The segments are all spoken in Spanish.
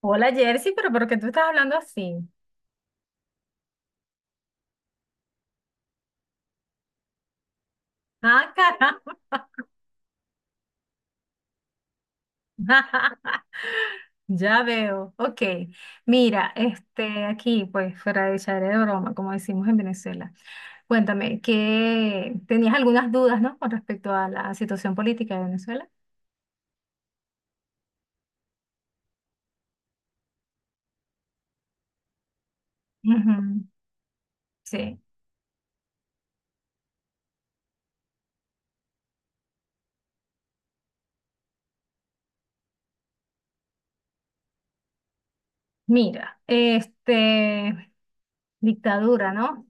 Hola Jersey, pero ¿por qué tú estás hablando así? Ah, caramba. Ya veo. Ok. Mira, este, aquí, pues, fuera de echar de broma, como decimos en Venezuela. Cuéntame, ¿qué tenías algunas dudas, no? Con respecto a la situación política de Venezuela. Ujú. Sí. Mira, este, dictadura, ¿no?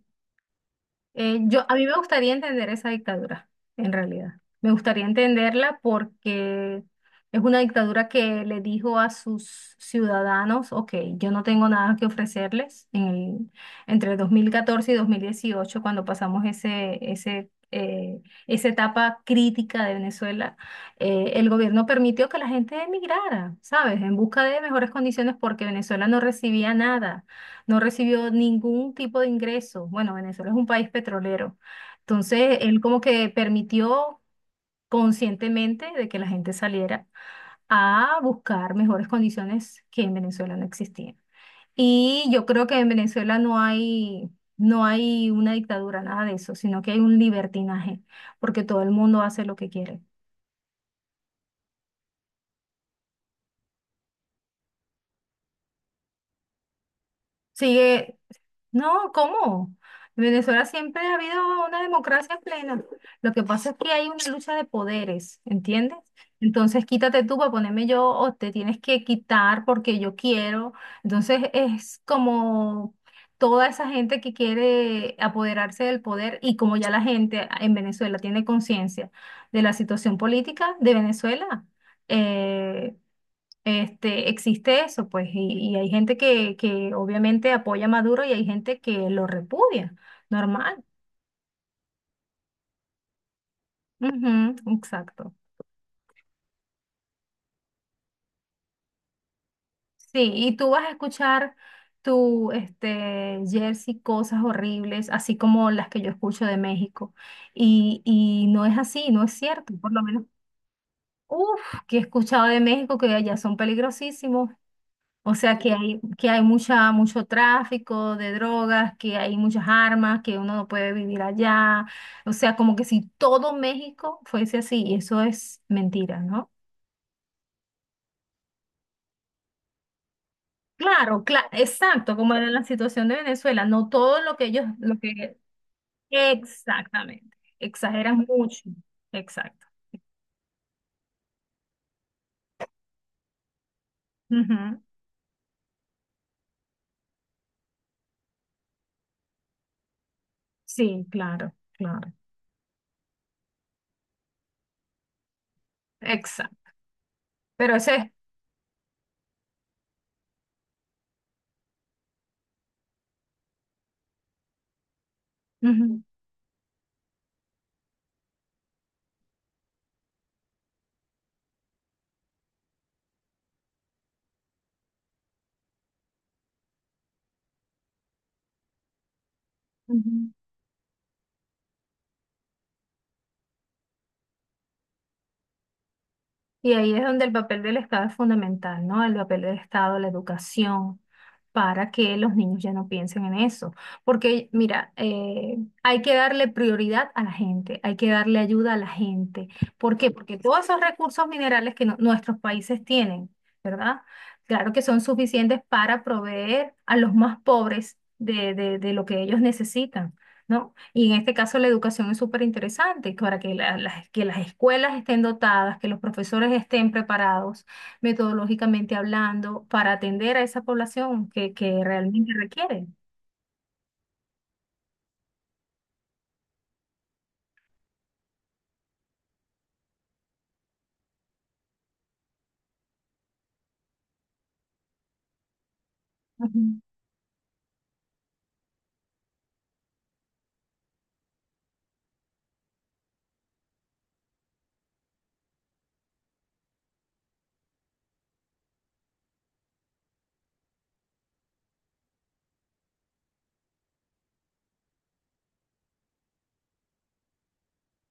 Yo, a mí me gustaría entender esa dictadura, en realidad. Me gustaría entenderla porque es una dictadura que le dijo a sus ciudadanos: ok, yo no tengo nada que ofrecerles en el- entre 2014 y 2018, cuando pasamos esa etapa crítica de Venezuela. El gobierno permitió que la gente emigrara, ¿sabes? En busca de mejores condiciones, porque Venezuela no recibía nada, no recibió ningún tipo de ingreso. Bueno, Venezuela es un país petrolero. Entonces, él como que permitió conscientemente de que la gente saliera a buscar mejores condiciones que en Venezuela no existían. Y yo creo que en Venezuela no hay una dictadura, nada de eso, sino que hay un libertinaje, porque todo el mundo hace lo que quiere. Sigue. No, ¿cómo? En Venezuela siempre ha habido una democracia plena. Lo que pasa es que hay una lucha de poderes, ¿entiendes? Entonces, quítate tú para ponerme yo, o te tienes que quitar porque yo quiero. Entonces, es como toda esa gente que quiere apoderarse del poder, y como ya la gente en Venezuela tiene conciencia de la situación política de Venezuela, eh, este, existe eso, pues, y hay gente que obviamente apoya a Maduro y hay gente que lo repudia. Normal. Ujú, exacto. Sí, y tú vas a escuchar tu, este, Jersey, cosas horribles, así como las que yo escucho de México. Y no es así, no es cierto, por lo menos. Uf, que he escuchado de México que allá son peligrosísimos. O sea, que hay mucho tráfico de drogas, que hay muchas armas, que uno no puede vivir allá. O sea, como que si todo México fuese así, y eso es mentira, ¿no? Claro, claro, exacto, como era la situación de Venezuela, no todo lo que ellos, lo que... Exactamente, exageran mucho, exacto. Ujú. Sí, claro, claro, exacto. Pero ese es... Ujú, ujú. Y ahí es donde el papel del Estado es fundamental, ¿no? El papel del Estado, la educación, para que los niños ya no piensen en eso. Porque, mira, hay que darle prioridad a la gente, hay que darle ayuda a la gente. ¿Por qué? Porque todos esos recursos minerales que nuestros países tienen, ¿verdad? Claro que son suficientes para proveer a los más pobres de, de lo que ellos necesitan, ¿no? Y en este caso la educación es súper interesante, para que, las escuelas estén dotadas, que los profesores estén preparados metodológicamente hablando para atender a esa población que realmente requiere. Ujú.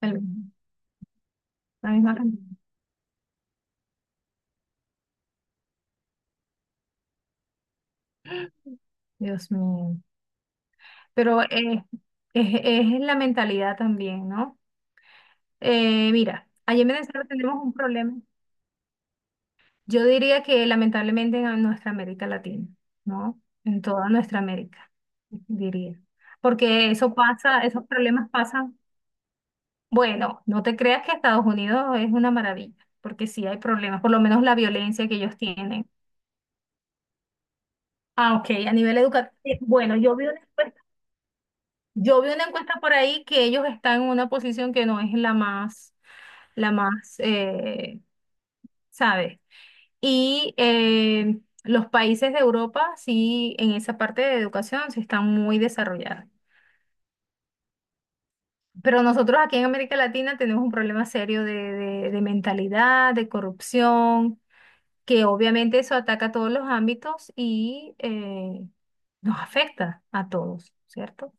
El- la misma cantidad. Dios mío. Pero es la mentalidad también, ¿no? Mira, allí en Venezuela tenemos un problema. Yo diría que lamentablemente en nuestra América Latina, ¿no? En toda nuestra América, diría. Porque eso pasa, esos problemas pasan. Bueno, no te creas que Estados Unidos es una maravilla, porque sí hay problemas, por lo menos la violencia que ellos tienen. Ah, ok, a nivel educativo. Bueno, yo vi una encuesta, yo vi una encuesta por ahí que ellos están en una posición que no es la más, la más, eh, ¿sabes? Y los países de Europa, sí, en esa parte de educación, sí están muy desarrollados. Pero nosotros aquí en América Latina tenemos un problema serio de mentalidad, de corrupción, que obviamente eso ataca a todos los ámbitos y nos afecta a todos, ¿cierto?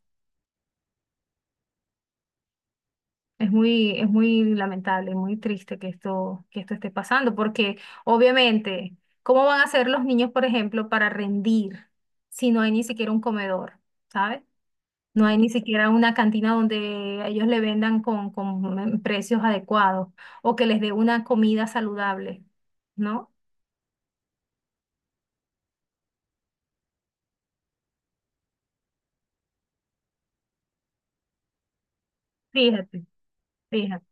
Es muy lamentable, muy triste que esto esté pasando, porque obviamente, ¿cómo van a hacer los niños, por ejemplo, para rendir si no hay ni siquiera un comedor, ¿sabes? No hay ni siquiera una cantina donde ellos le vendan con, precios adecuados o que les dé una comida saludable, ¿no? Fíjate, fíjate.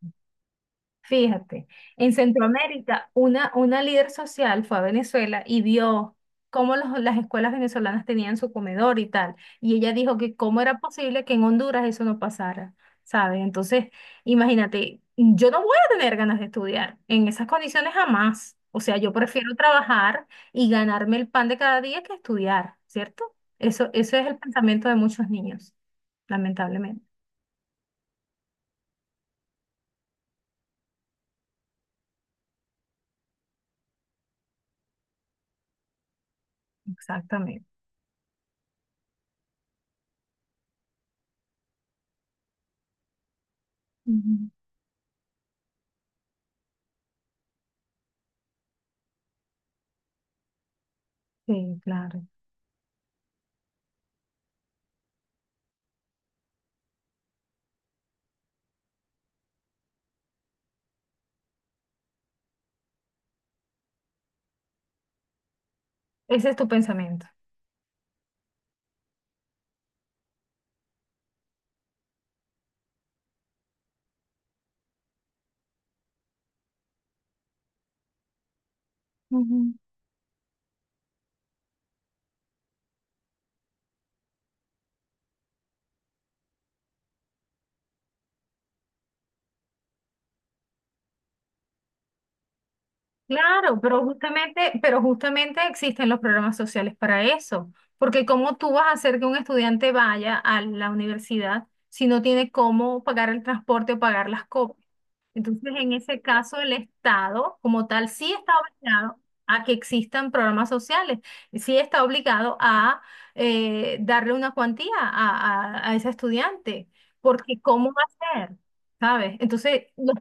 Fíjate, en Centroamérica, una líder social fue a Venezuela y vio cómo las escuelas venezolanas tenían su comedor y tal. Y ella dijo que cómo era posible que en Honduras eso no pasara, ¿sabes? Entonces, imagínate, yo no voy a tener ganas de estudiar en esas condiciones jamás. O sea, yo prefiero trabajar y ganarme el pan de cada día que estudiar, ¿cierto? Eso es el pensamiento de muchos niños, lamentablemente. Exactamente. Ujú. Sí, claro. Ese es tu pensamiento. Ujú. Claro, pero justamente existen los programas sociales para eso, porque cómo tú vas a hacer que un estudiante vaya a la universidad si no tiene cómo pagar el transporte o pagar las copias. Entonces, en ese caso, el Estado como tal sí está obligado a que existan programas sociales, y sí está obligado a darle una cuantía a, a ese estudiante, porque ¿cómo va a ser? ¿Sabes? Entonces, los.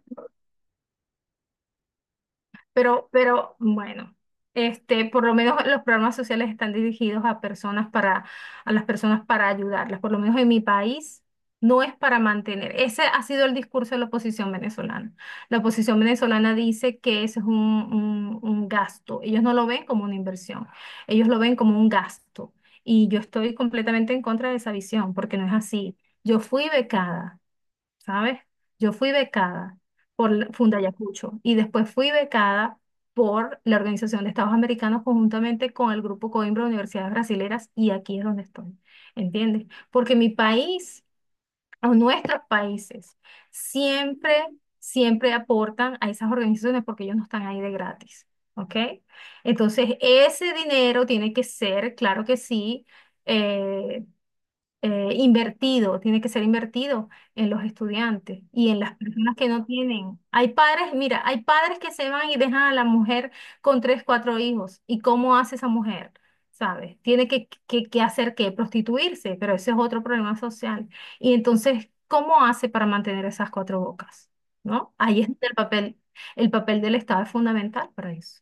Pero bueno, por lo menos los programas sociales están dirigidos a personas para, a las personas para ayudarlas. Por lo menos en mi país no es para mantener. Ese ha sido el discurso de la oposición venezolana. La oposición venezolana dice que eso es un, un gasto. Ellos no lo ven como una inversión, ellos lo ven como un gasto. Y yo estoy completamente en contra de esa visión, porque no es así. Yo fui becada. ¿Sabes? Yo fui becada por Fundayacucho y después fui becada por la Organización de Estados Americanos conjuntamente con el Grupo Coimbra de Universidades Brasileras, y aquí es donde estoy, ¿entiendes? Porque mi país o nuestros países siempre, siempre aportan a esas organizaciones, porque ellos no están ahí de gratis, ¿ok? Entonces, ese dinero tiene que ser, claro que sí, eh, invertido, tiene que ser invertido en los estudiantes y en las personas que no tienen. Hay padres, mira, hay padres que se van y dejan a la mujer con tres, cuatro hijos. ¿Y cómo hace esa mujer? ¿Sabes? Tiene que hacer qué, prostituirse, pero ese es otro problema social. Y entonces, ¿cómo hace para mantener esas cuatro bocas? ¿No? Ahí es donde el papel del Estado es fundamental para eso.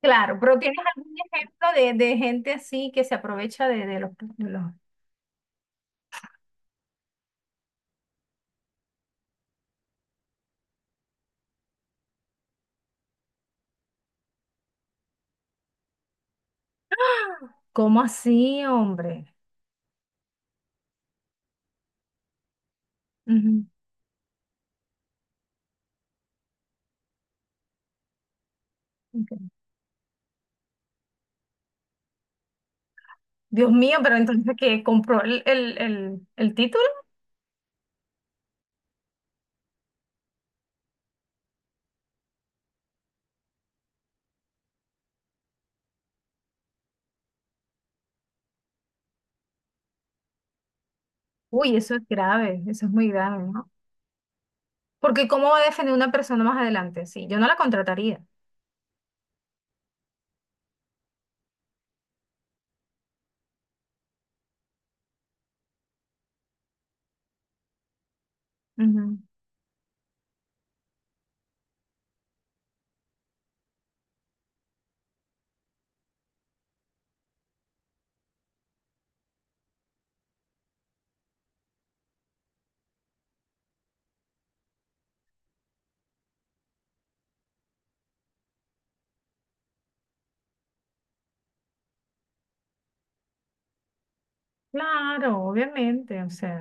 Claro, pero ¿tienes algún ejemplo de gente así que se aprovecha de los ¿Cómo así, hombre? Ujú, ok. Dios mío, pero entonces que compró el título. Uy, eso es grave, eso es muy grave, ¿no? Porque ¿cómo va a defender una persona más adelante? Sí, yo no la contrataría. Ujú. Claro, obviamente, o sea.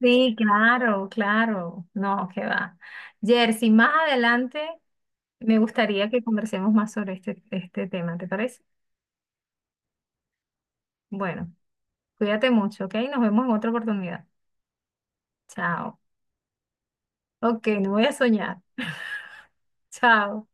Sí, claro, claro. No, qué va. Jersey, más adelante me gustaría que conversemos más sobre este, este tema, ¿te parece? Bueno, cuídate mucho, ¿ok? Nos vemos en otra oportunidad. Chao. Ok, no voy a soñar. Chao.